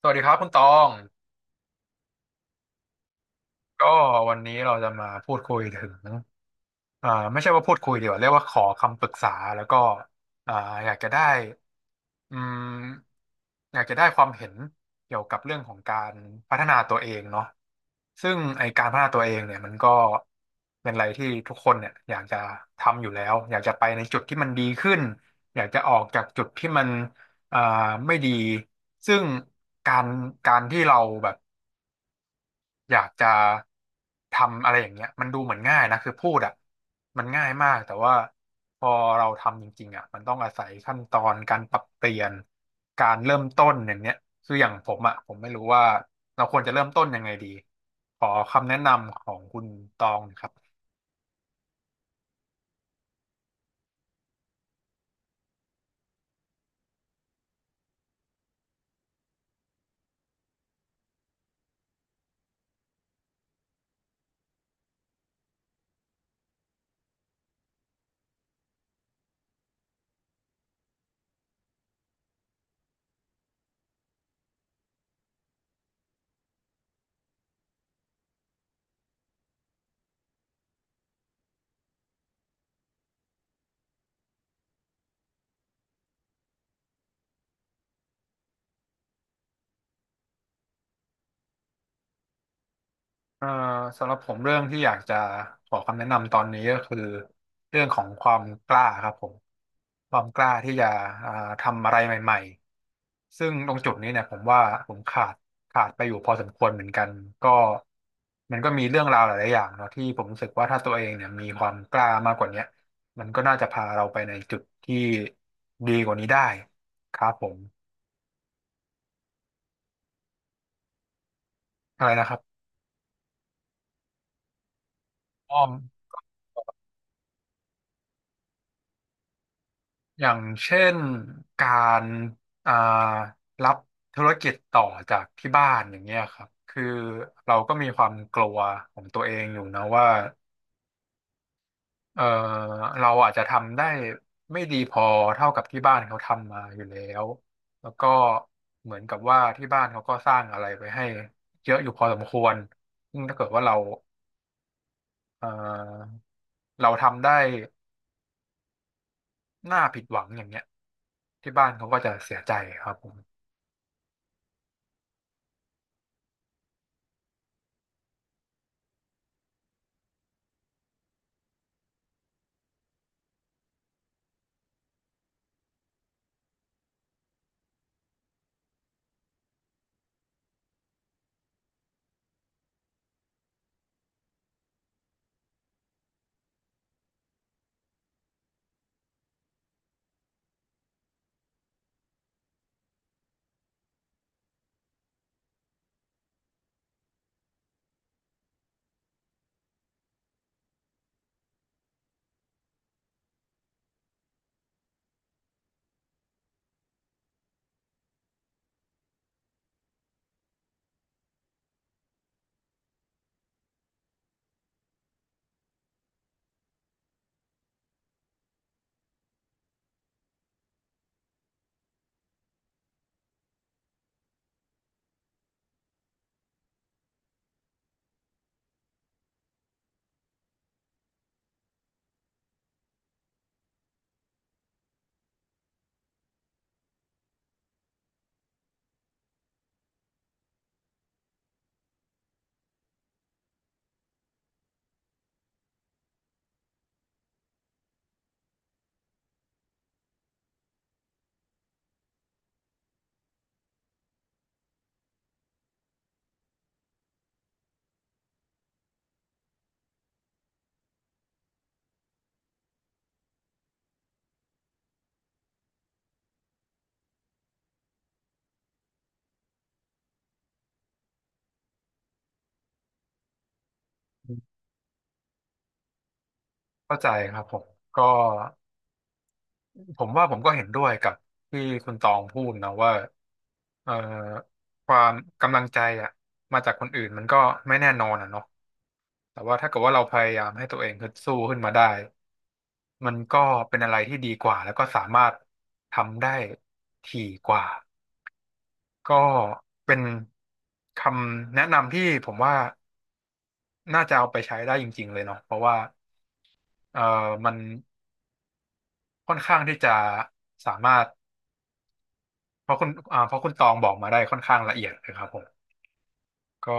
สวัสดีครับคุณตองก็วันนี้เราจะมาพูดคุยถึงไม่ใช่ว่าพูดคุยดีกว่าเรียกว่าขอคำปรึกษาแล้วก็อ่าอยากจะได้อืมอยากจะได้ความเห็นเกี่ยวกับเรื่องของการพัฒนาตัวเองเนาะซึ่งไอการพัฒนาตัวเองเนี่ยมันก็เป็นอะไรที่ทุกคนเนี่ยอยากจะทำอยู่แล้ว อยากจะไปในจุดที่มันดีขึ้น อยากจะออกจากจุดที่มันอ่าไม่ดี ซึ่งการการที่เราแบบ อยากจะทำอะไรอย่างเงี้ยมันดูเหมือนง่ายนะคือพูดอ่ะมันง่ายมากแต่ว่าพอเราทำจริงๆอ่ะมันต้องอาศัยขั้นตอนการปรับเปลี่ยนการเริ่มต้นอย่างเนี้ยคืออย่างผมอ่ะผมไม่รู้ว่าเราควรจะเริ่มต้นยังไงดีขอคำแนะนำของคุณตองครับ เอ่อสำหรับผมเรื่องที่อยากจะขอคำแนะนำตอนนี้ก็คือเรื่องของความกล้าครับผมความกล้าที่จะอ่าทำอะไรใหม่ๆซึ่งตรงจุดนี้เนี่ยผมว่าผมขาดไปอยู่พอสมควรเหมือนกันก็มันก็มีเรื่องราวหลายๆอย่างเนาะที่ผมรู้สึกว่าถ้าตัวเองเนี่ยมีความกล้ามากกว่าเนี้ยมันก็น่าจะพาเราไปในจุดที่ดีกว่านี้ได้ครับผมอะไรนะครับอ้อม อย่างเช่นการอ่ารับธุรกิจต่อจากที่บ้านอย่างเงี้ยครับคือเราก็มีความกลัวของตัวเองอยู่นะว่าเออเราอาจจะทำได้ไม่ดีพอเท่ากับที่บ้านเขาทำมาอยู่แล้วแล้วก็เหมือนกับว่าที่บ้านเขาก็สร้างอะไรไปให้เยอะอยู่พอสมควรซึ่งถ้าเกิดว่าเออเราทำได้น่าผิดหวังอย่างเงี้ยที่บ้านเขาก็จะเสียใจครับผม เข้าใจครับผมก็ผมว่าผมก็เห็นด้วยกับที่คุณตองพูดนะว่าเอ่อความกำลังใจอะมาจากคนอื่นมันก็ไม่แน่นอนอะเนาะแต่ว่าถ้าเกิดว่าเราพยายามให้ตัวเองฮึดสู้ขึ้นมาได้มันก็เป็นอะไรที่ดีกว่าแล้วก็สามารถทำได้ถี่กว่าก็เป็นคำแนะนำที่ผมว่าน่าจะเอาไปใช้ได้จริงๆเลยเนาะเพราะว่าเอ่อมันค่อนข้างที่จะสามารถ เพราะคุณตองบอกมาได้ค่อนข้างละเอียดเลยครับผมก็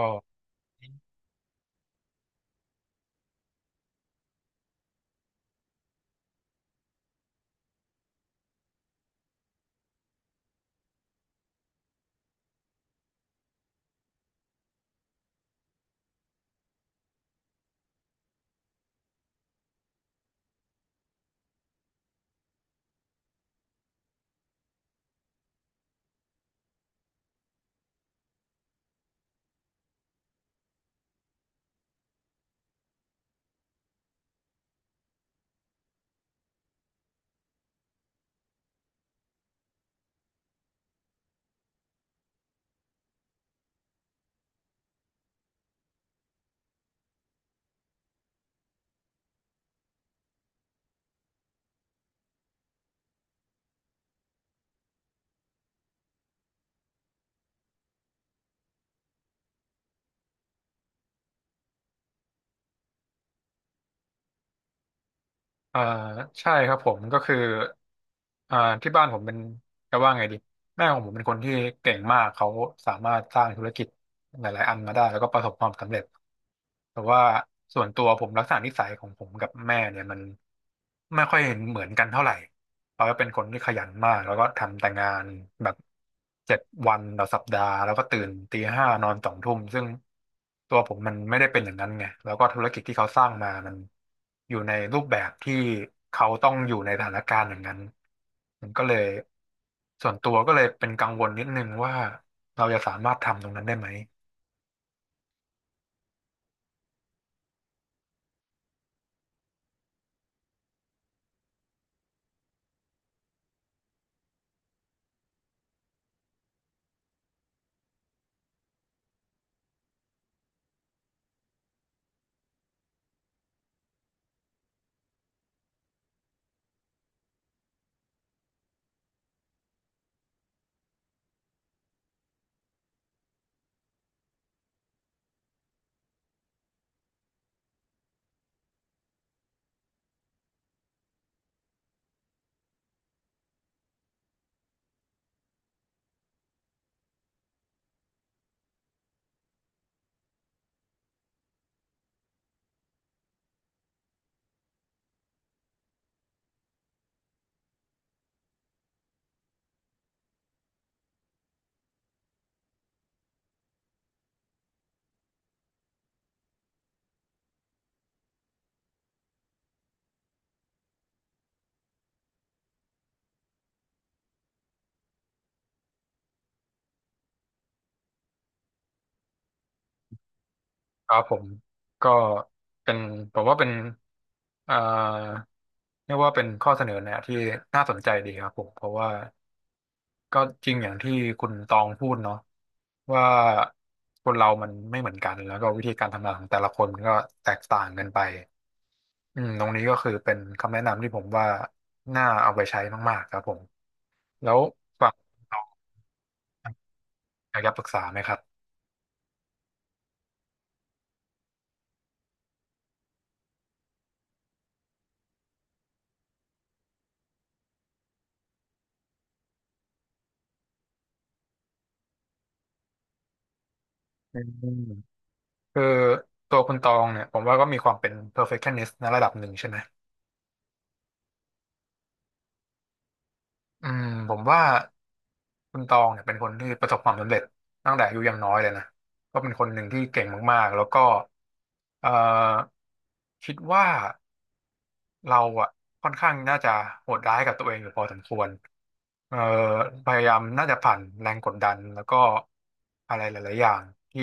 อ่าใช่ครับผมก็คืออ่าที่บ้านผมเป็นจะว่าไงดีแม่ของผมเป็นคนที่เก่งมากเขาสามารถสร้างธุรกิจหลายๆอันมาได้แล้วก็ประสบความสำเร็จแต่ว่าส่วนตัวผมลักษณะนิสัยของผมกับแม่เนี่ยมันไม่ค่อยเห็นเหมือนกันเท่าไหร่ เขาก็เป็นคนที่ขยันมากแล้วก็ทำแต่งานแบบ7 วันต่อสัปดาห์แล้วก็ตื่นตีห้านอนสองทุ่มซึ่งตัวผมมันไม่ได้เป็นอย่างนั้นไงแล้วก็ธุรกิจที่เขาสร้างมามันอยู่ในรูปแบบที่เขาต้องอยู่ในสถานการณ์อย่างนั้นมันก็เลยส่วนตัวก็เลยเป็นกังวลนิดนึงว่าเราจะสามารถทำตรงนั้นได้ไหมครับผมก็เป็นผมว่าเป็นเอ่อเรียกว่าเป็นข้อเสนอแนะที่น่าสนใจดีครับผมเพราะว่า ก็จริงอย่างที่คุณตองพูดเนาะว่าคนเรามันไม่เหมือนกันแล้วก็วิธีการทำงานของแต่ละคนมันก็แตกต่างกันไปอืมตรงนี้ก็คือเป็นคำแนะนำที่ผมว่าน่าเอาไปใช้มากๆครับผมแล้วฝั่งคุณตองอยากจะปรึกษาไหมครับอืมคือตัวคุณตองเนี่ยผมว่าก็มีความเป็น perfectionist ในระดับหนึ่งใช่ไหมอืมผมว่า คุณตองเนี่ยเป็นคนที่ประสบความสำเร็จตั้งแต่อายุยังน้อยเลยนะก็เป็นคนหนึ่งที่เก่งมากๆแล้วก็เอ่อคิดว่าเราอ่ะค่อนข้างน่าจะโหดร้ายกับตัวเองอยู่พอสมควรเอ่อพยายามน่าจะผ่านแรงกดดันแล้วก็อะไรหลายๆอย่างที่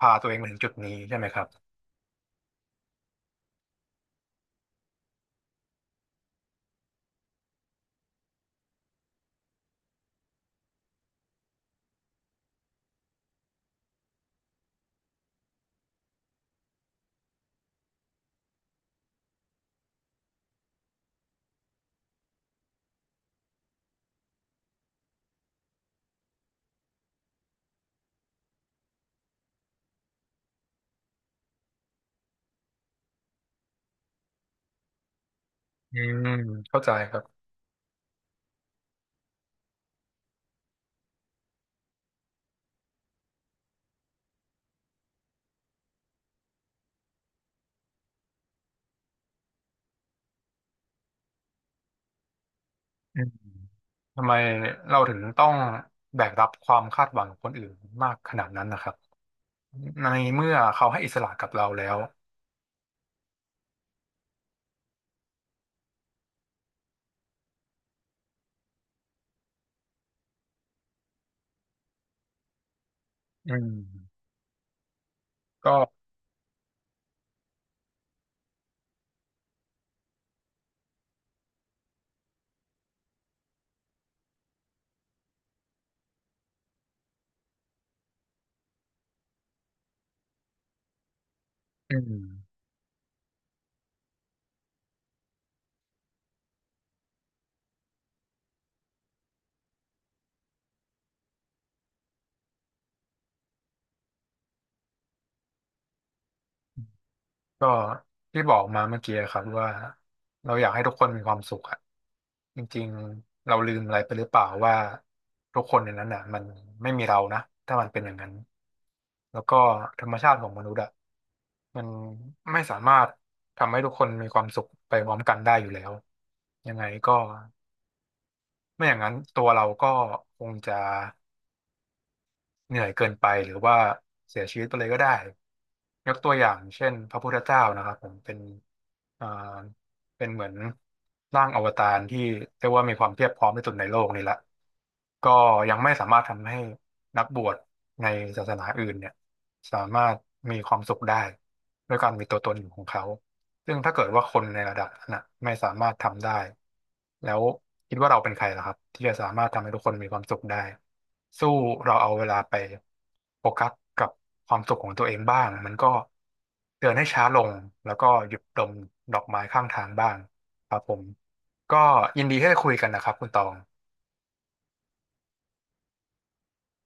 พาตัวเองมาถึงจุดนี้ใช่ไหมครับอืมเข้าใจครับอืมทำไมเราถึงต้องแบกรับความคาดหวังของคนอื่นมากขนาดนั้นนะครับในเมื่อเขาให้อิสระกับเราแล้ว อืมก็อืมก็ที่บอกมาเมื่อกี้ครับว่าเราอยากให้ทุกคนมีความสุขอะจริงๆเราลืมอะไรไปหรือเปล่าว่าทุกคนในนั้นน่ะมันไม่มีเรานะถ้ามันเป็นอย่างนั้นแล้วก็ธรรมชาติของมนุษย์อะมันไม่สามารถทำให้ทุกคนมีความสุขไปพร้อมกันได้อยู่แล้วยังไงก็ไม่อย่างนั้นตัวเราก็คงจะ เหนื่อยเกินไปหรือว่าเสียชีวิตไปเลยก็ได้ยกตัวอย่างเช่นพระพุทธเจ้านะครับผมเป็นอ่าเป็นเหมือนร่างอวตารที่เรียกว่ามีความเพียบพร้อมที่สุดในโลกนี่แหละก็ยังไม่สามารถทำให้นักบวชในศาสนาอื่นเนี่ยสามารถมีความสุขได้ด้วยการมีตัวตนของเขา ซึ่งถ้าเกิดว่าคนในระดับนั้นนะไม่สามารถทำได้แล้วคิดว่าเราเป็นใครล่ะครับที่จะสามารถทำให้ทุกคนมีความสุขได้สู้เราเอาเวลาไปโฟกัสกับความสุขของตัวเองบ้างมันก็เดินให้ช้าลงแล้วก็หยุดดมดอกไม้ข้างทางบ้างครับผมก็ยินดีที่ได้คุยกันนะครับคุณตอง